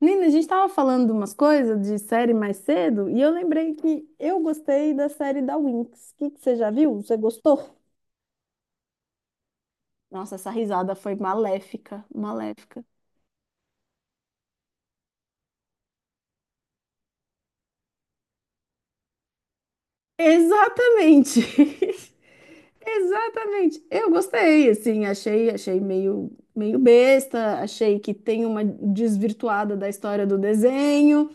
Nina, a gente tava falando de umas coisas de série mais cedo e eu lembrei que eu gostei da série da Winx. O que que você já viu? Você gostou? Nossa, essa risada foi maléfica, maléfica. Exatamente. Exatamente. Eu gostei, assim, achei meio besta, achei que tem uma desvirtuada da história do desenho,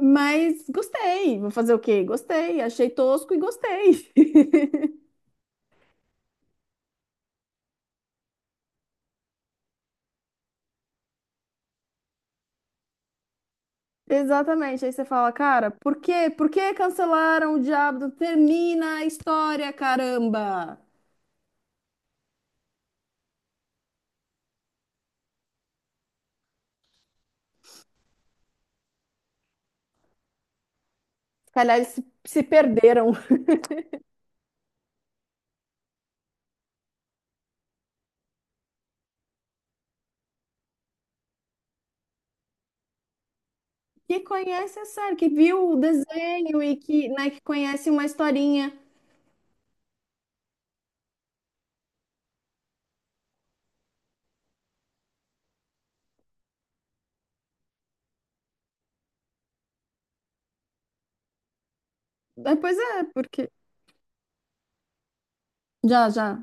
mas gostei. Vou fazer o quê? Gostei, achei tosco e gostei. Exatamente. Aí você fala, cara, por quê? Por que cancelaram o Diabo? Termina a história, caramba! Se calhar eles se perderam. Que conhece a série, que viu o desenho e que, né, que conhece uma historinha. Ah, pois é, porque. Já, já.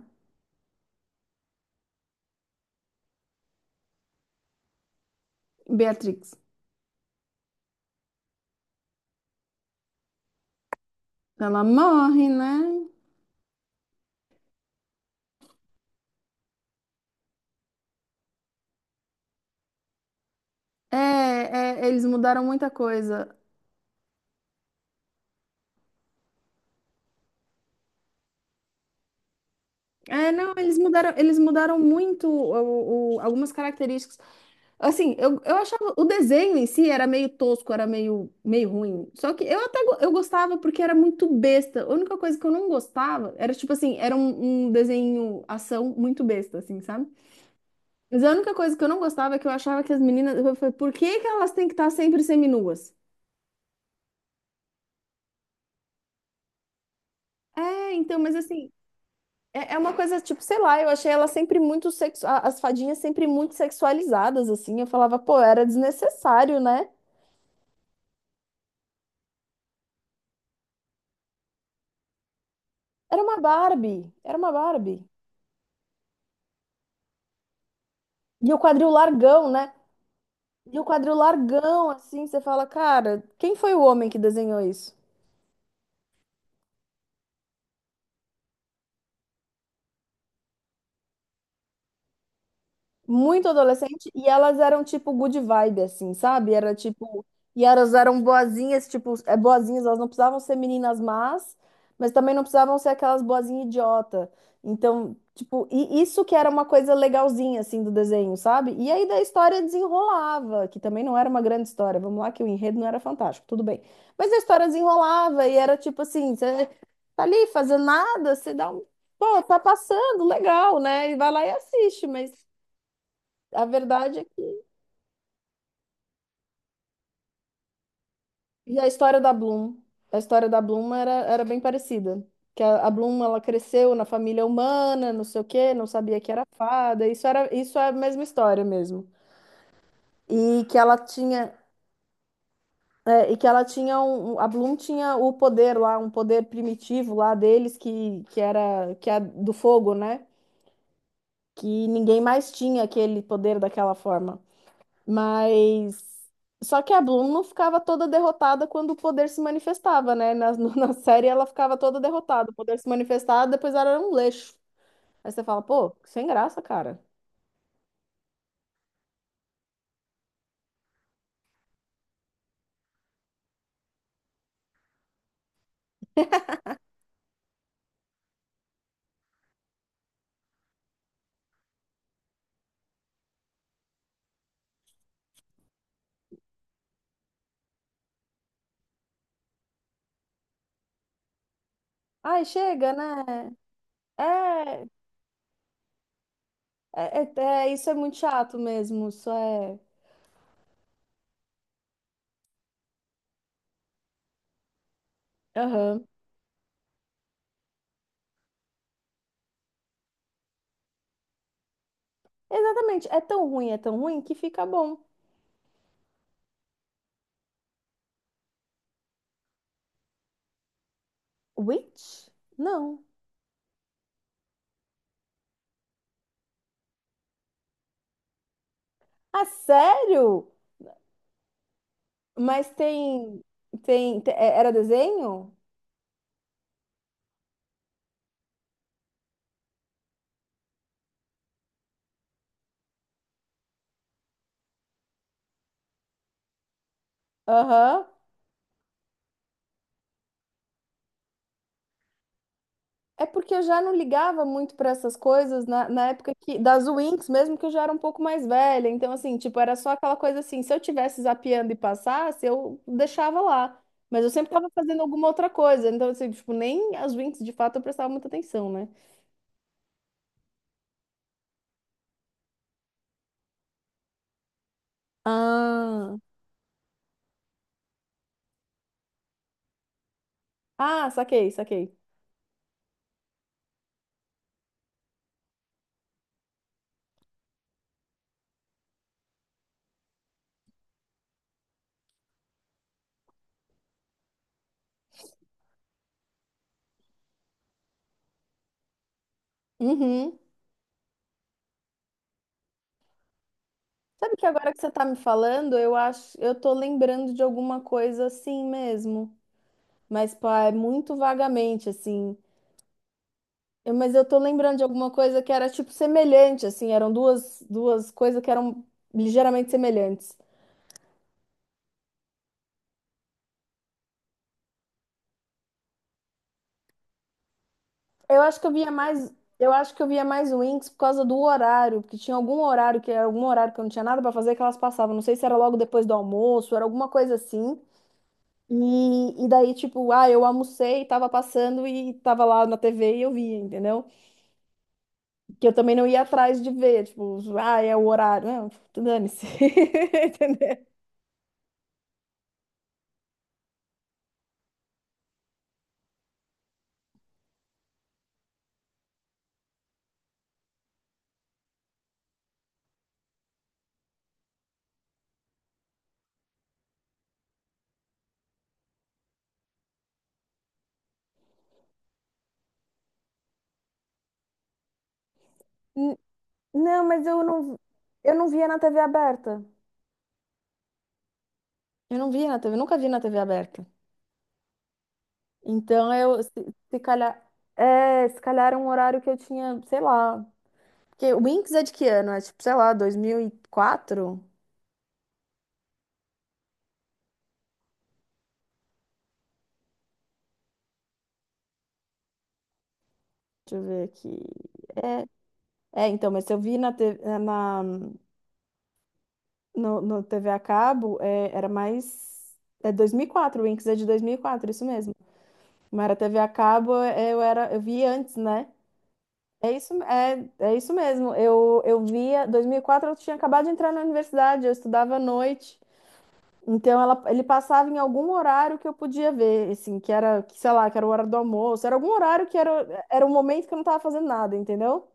Beatrix. Ela morre, né? É, eles mudaram muita coisa. É, não, eles mudaram muito algumas características. Assim, eu achava o desenho em si era meio tosco, era meio ruim. Só que eu até go- eu gostava porque era muito besta. A única coisa que eu não gostava era, tipo assim, era um desenho ação muito besta, assim, sabe? Mas a única coisa que eu não gostava é que eu achava que as meninas. Eu falei, por que que elas têm que estar sempre seminuas? É, então, mas assim, é uma coisa, tipo, sei lá, eu achei elas sempre muito as fadinhas sempre muito sexualizadas, assim. Eu falava, pô, era desnecessário, né? Era uma Barbie, era uma Barbie. E o quadril largão, né? E o quadril largão, assim, você fala, cara, quem foi o homem que desenhou isso? Muito adolescente e elas eram tipo good vibe, assim, sabe? Era tipo. E elas eram boazinhas, tipo, é, boazinhas, elas não precisavam ser meninas más, mas também não precisavam ser aquelas boazinhas idiota. Então, tipo, e isso que era uma coisa legalzinha, assim, do desenho, sabe? E aí da história desenrolava, que também não era uma grande história. Vamos lá, que o enredo não era fantástico, tudo bem. Mas a história desenrolava e era tipo assim, você tá ali fazendo nada, você dá um. Pô, tá passando, legal, né? E vai lá e assiste, mas. A verdade é que e a história da Bloom era bem parecida. Que a Bloom ela cresceu na família humana, não sei o quê, não sabia que era fada. Isso é a mesma história mesmo. E que ela tinha e que ela tinha um, um- a Bloom tinha o poder lá, um poder primitivo lá deles que é do fogo, né? Que ninguém mais tinha aquele poder daquela forma. Mas. Só que a Bloom não ficava toda derrotada quando o poder se manifestava, né? Na série ela ficava toda derrotada. O poder se manifestava, depois ela era um leixo. Aí você fala, pô, sem graça, cara. Ai, chega, né? É, é, é, é, isso é muito chato mesmo. Isso é. Aham. Exatamente. É tão ruim que fica bom. Witch? Não. Ah, sério? Mas tem. Tem. Era desenho? Aham. É porque eu já não ligava muito para essas coisas na época que, das Winx, mesmo que eu já era um pouco mais velha. Então, assim, tipo, era só aquela coisa assim, se eu tivesse zapeando e passasse, eu deixava lá. Mas eu sempre tava fazendo alguma outra coisa. Então, assim, tipo, nem as Winx, de fato, eu prestava muita atenção, né? Ah, ah, saquei, saquei. Uhum. Sabe que agora que você tá me falando, eu acho, eu tô lembrando de alguma coisa assim mesmo. Mas, pá, é muito vagamente, assim. Mas eu tô lembrando de alguma coisa que era tipo semelhante, assim, eram duas coisas que eram ligeiramente semelhantes. Eu acho que eu via mais, eu acho que eu via mais Winx por causa do horário, porque tinha algum horário que era algum horário que eu não tinha nada pra fazer que elas passavam. Não sei se era logo depois do almoço, era alguma coisa assim. E, daí, tipo, ah, eu almocei, tava passando e tava lá na TV e eu via, entendeu? Que eu também não ia atrás de ver, tipo, ah, é o horário. Não, dane-se. Entendeu? Não, mas eu não, via na TV aberta. Eu não via na TV, nunca vi na TV aberta. Então eu, se calhar, é, se calhar era um horário que eu tinha, sei lá. Porque o Winx é de que ano? É tipo, sei lá, 2004. Deixa eu ver aqui. É, então, mas se eu vi na, te- na no, no TV a cabo, é, era mais. É 2004, o Winx é de 2004, isso mesmo. Mas era TV a cabo, é, eu vi antes, né? É isso, é isso mesmo. Eu via, 2004 eu tinha acabado de entrar na universidade, eu estudava à noite. Então ele passava em algum horário que eu podia ver, assim, que era, que, sei lá, que era o horário do almoço, era algum horário que era o momento que eu não estava fazendo nada, entendeu?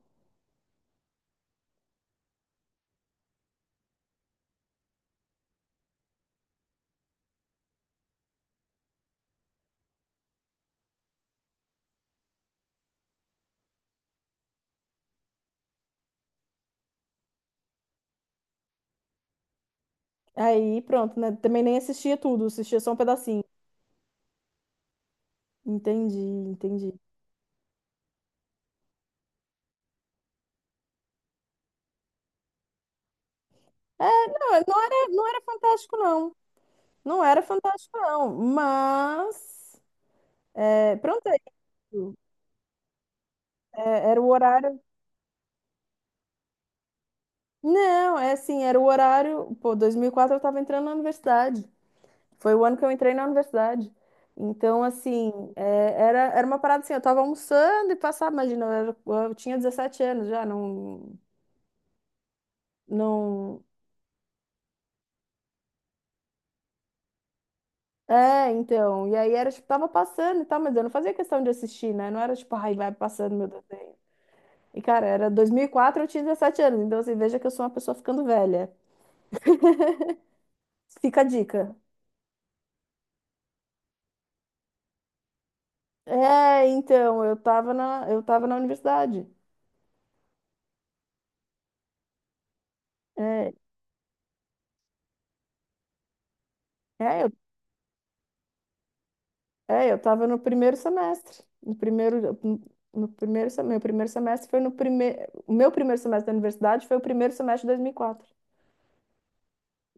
Aí pronto, né? Também nem assistia tudo, assistia só um pedacinho. Entendi, entendi. É, não, não era fantástico, não. Não era fantástico, não. Mas, é, pronto, é isso. É, era o horário. Não, é assim, era o horário. Pô, 2004 eu tava entrando na universidade. Foi o ano que eu entrei na universidade. Então, assim, é, era uma parada assim, eu tava almoçando e passava, imagina, eu tinha 17 anos já, não, não. É, então. E aí era tipo, tava passando e tal, mas eu não fazia questão de assistir, né? Não era tipo, ai, vai passando meu desenho. E, cara, era 2004, eu tinha 17 anos. Então, assim, veja que eu sou uma pessoa ficando velha. Fica a dica. É, então, eu tava na universidade. É, É, eu estava no primeiro semestre. No primeiro, no primeiro, se- meu primeiro semestre foi no primeiro. O meu primeiro semestre da universidade foi o primeiro semestre de 2004.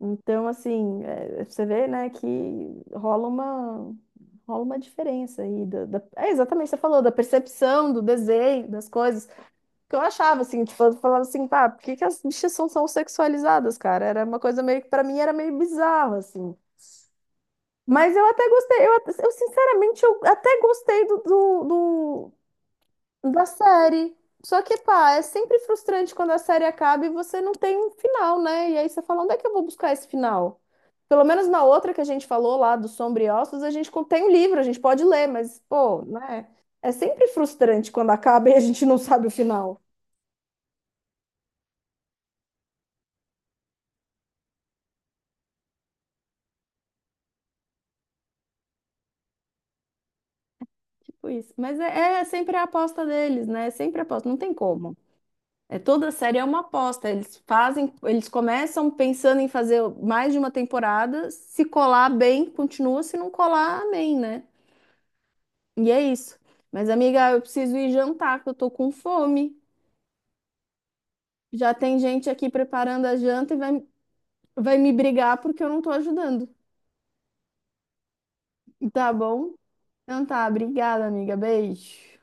Então, assim, é, você vê, né, que rola uma, diferença aí. É exatamente, o que você falou, da percepção, do desenho, das coisas. Que eu achava, assim, tipo, eu falava assim, pá, por que que as bichas são sexualizadas, cara? Era uma coisa meio que, pra mim, era meio bizarro, assim. Mas eu até gostei, sinceramente eu até gostei da série. Só que, pá, é sempre frustrante quando a série acaba e você não tem um final, né? E aí você fala, onde é que eu vou buscar esse final? Pelo menos na outra que a gente falou lá do Sombra e Ossos, a gente tem um livro, a gente pode ler, mas, pô, né? É sempre frustrante quando acaba e a gente não sabe o final. Tipo isso. Mas é sempre a aposta deles, né? É sempre a aposta, não tem como. É, toda série é uma aposta. Eles fazem, eles começam pensando em fazer mais de uma temporada. Se colar bem, continua. Se não colar, amém, né? E é isso. Mas, amiga, eu preciso ir jantar, que eu tô com fome. Já tem gente aqui preparando a janta e vai me brigar porque eu não tô ajudando. Tá bom? Então tá, obrigada, amiga. Beijo.